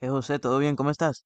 José, ¿todo bien? ¿Cómo estás?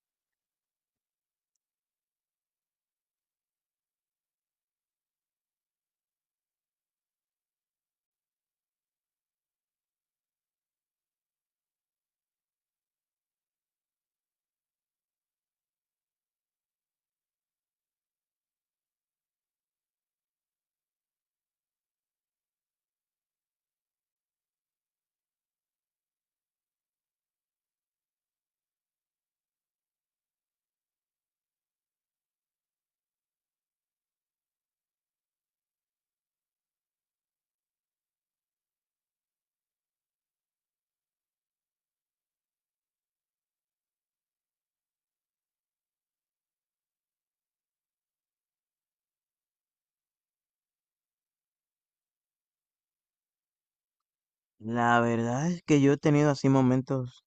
La verdad es que yo he tenido así momentos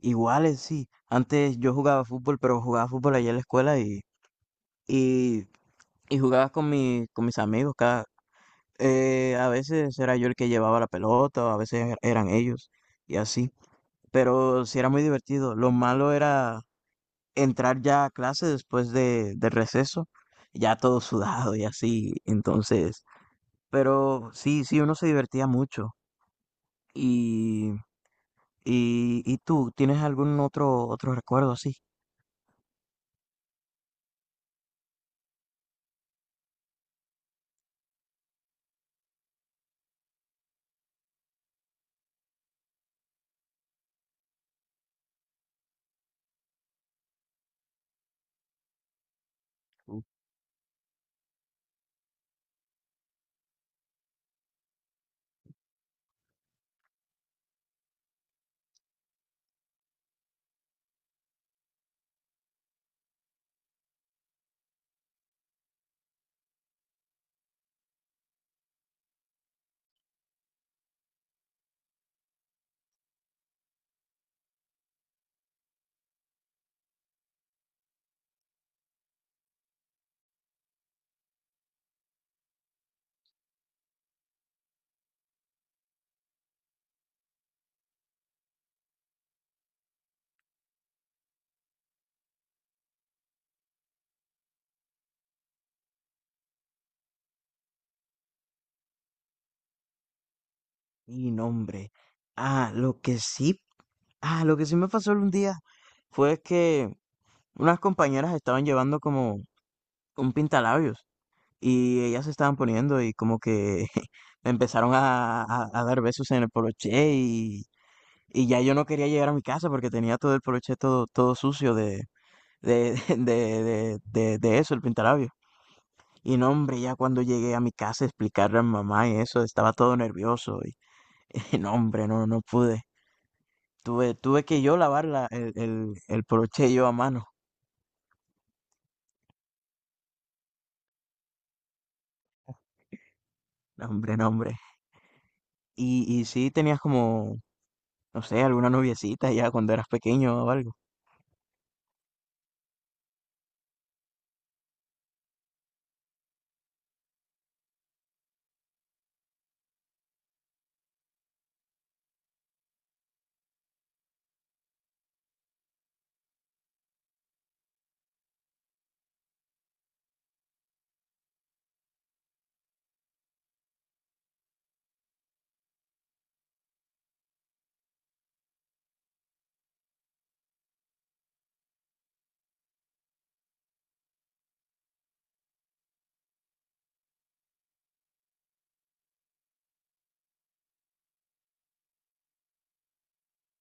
iguales, sí. Antes yo jugaba fútbol, pero jugaba fútbol allá en la escuela y, y jugaba con mis amigos. A veces era yo el que llevaba la pelota, o a veces eran ellos y así. Pero sí era muy divertido. Lo malo era entrar ya a clase después del receso, ya todo sudado y así. Entonces, pero sí, sí, uno se divertía mucho. Y tú, ¿tienes algún otro recuerdo así? Y nombre. Ah, lo que sí, ah, lo que sí me pasó un día fue que unas compañeras estaban llevando como un pintalabios y ellas se estaban poniendo y como que me empezaron a dar besos en el poloché y ya yo no quería llegar a mi casa porque tenía todo el poloché todo sucio de eso, el pintalabio. Y no, hombre, ya cuando llegué a mi casa a explicarle a mi mamá y eso, estaba todo nervioso. Y y no, hombre, no, no pude. Tuve que yo lavar el broche yo a mano. No, hombre, no, hombre. Y sí tenías como, no sé, alguna noviecita ya cuando eras pequeño o algo.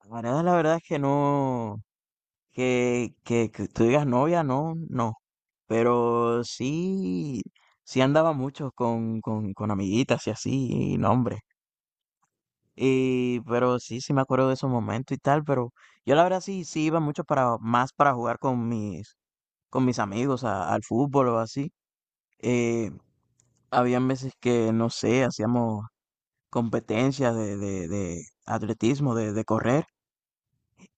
La verdad es que no, que tú digas novia, no, no. Pero sí, sí andaba mucho con amiguitas y así, y no, hombre. Y pero sí, sí me acuerdo de esos momentos y tal, pero yo la verdad sí, sí iba mucho más para jugar con con mis amigos al fútbol o así. Eh, Habían veces que, no sé, hacíamos competencias de atletismo, de correr.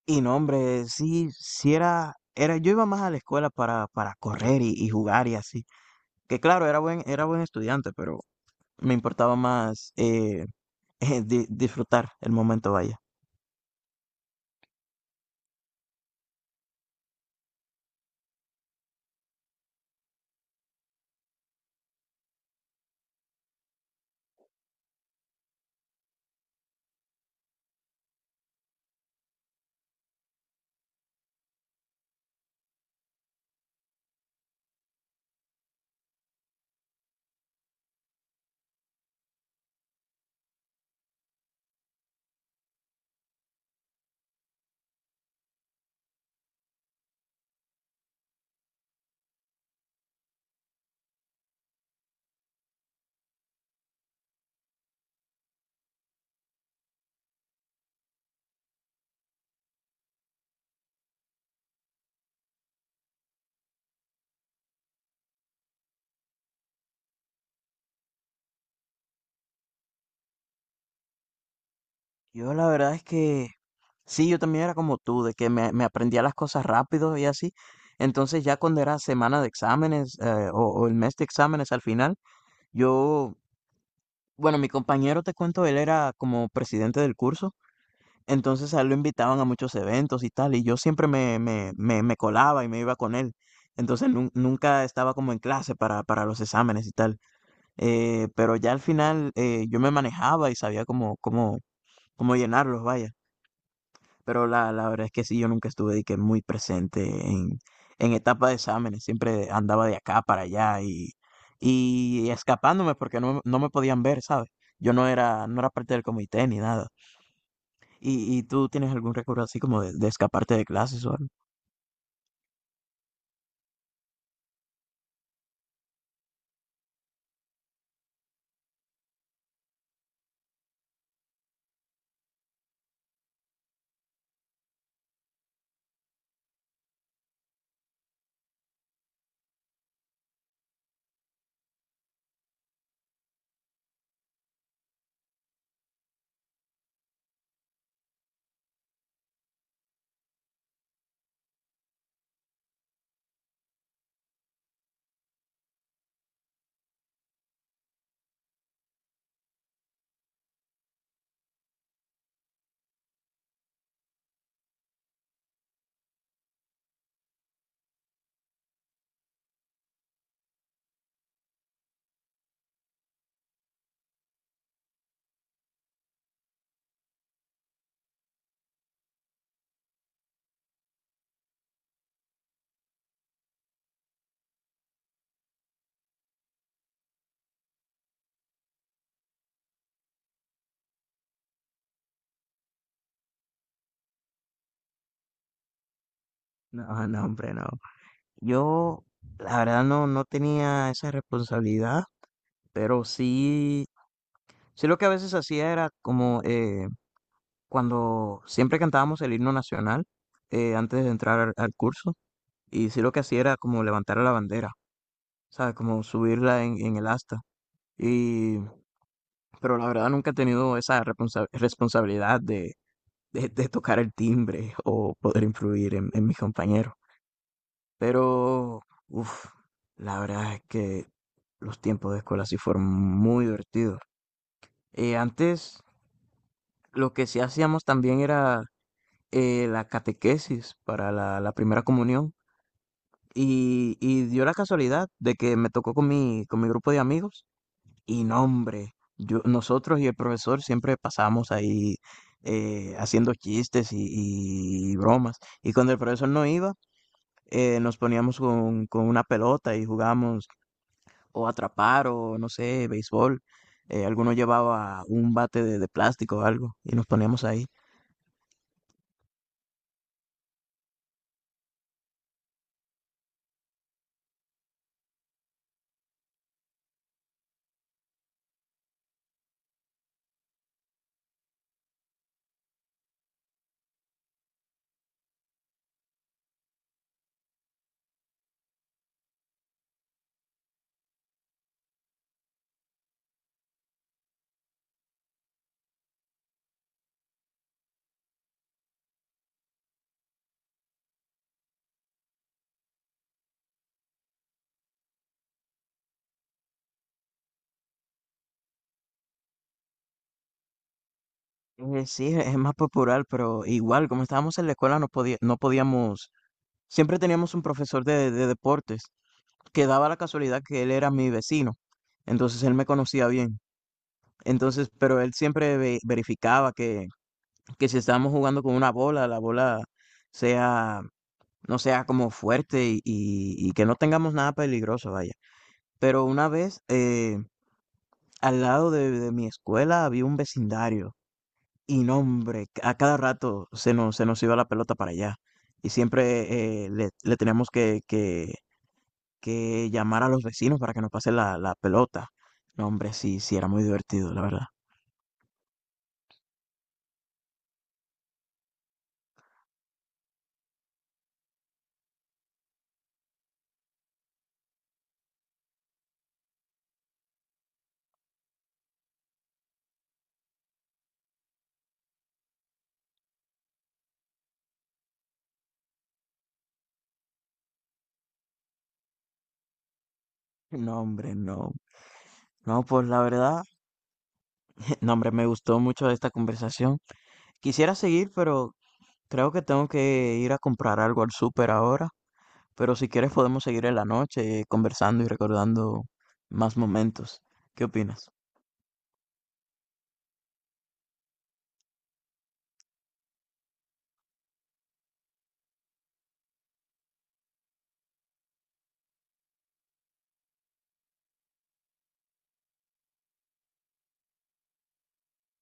Y no, hombre, sí, sí era, yo iba más a la escuela para correr y jugar y así. Que claro, era buen estudiante, pero me importaba más disfrutar el momento, vaya. Yo la verdad es que sí, yo también era como tú, de que me aprendía las cosas rápido y así. Entonces ya cuando era semana de exámenes o el mes de exámenes al final, yo, bueno, mi compañero, te cuento, él era como presidente del curso, entonces a él lo invitaban a muchos eventos y tal, y yo siempre me colaba y me iba con él. Entonces nunca estaba como en clase para los exámenes y tal. Pero ya al final, yo me manejaba y sabía cómo llenarlos, vaya. Pero la verdad es que sí, yo nunca estuve de que muy presente en etapa de exámenes. Siempre andaba de acá para allá y escapándome porque no, no me podían ver, ¿sabes? Yo no era, no era parte del comité ni nada. Y tú tienes algún recuerdo así como de escaparte de clases o algo? No, no, hombre, no. Yo, la verdad, no, no tenía esa responsabilidad, pero sí, sí lo que a veces hacía era como, cuando siempre cantábamos el himno nacional antes de entrar al curso, y sí lo que hacía era como levantar la bandera, ¿sabes? Como subirla en el asta. Y pero la verdad nunca he tenido esa responsabilidad de tocar el timbre o poder influir en mis compañeros. Pero, uff, la verdad es que los tiempos de escuela sí fueron muy divertidos. Antes lo que sí hacíamos también era la catequesis para la primera comunión y dio la casualidad de que me tocó con con mi grupo de amigos y no, hombre, yo, nosotros y el profesor siempre pasamos ahí haciendo chistes y bromas y cuando el profesor no iba, nos poníamos con una pelota y jugábamos o atrapar o no sé, béisbol. Alguno llevaba un bate de plástico o algo y nos poníamos ahí. Sí, es más popular, pero igual, como estábamos en la escuela, no podía, no podíamos, siempre teníamos un profesor de deportes que daba la casualidad que él era mi vecino, entonces él me conocía bien. Entonces, pero él siempre verificaba que si estábamos jugando con una bola, la bola sea, no sea como fuerte y, y que no tengamos nada peligroso, vaya. Pero una vez, al lado de mi escuela había un vecindario y no, hombre, a cada rato se nos iba la pelota para allá y siempre le, le teníamos que llamar a los vecinos para que nos pase la, la pelota. No, hombre, sí, sí, era muy divertido, la verdad. No, hombre, no. No, pues la verdad, no, hombre, me gustó mucho esta conversación. Quisiera seguir, pero creo que tengo que ir a comprar algo al súper ahora. Pero si quieres podemos seguir en la noche, conversando y recordando más momentos. ¿Qué opinas?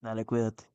Dale, cuídate.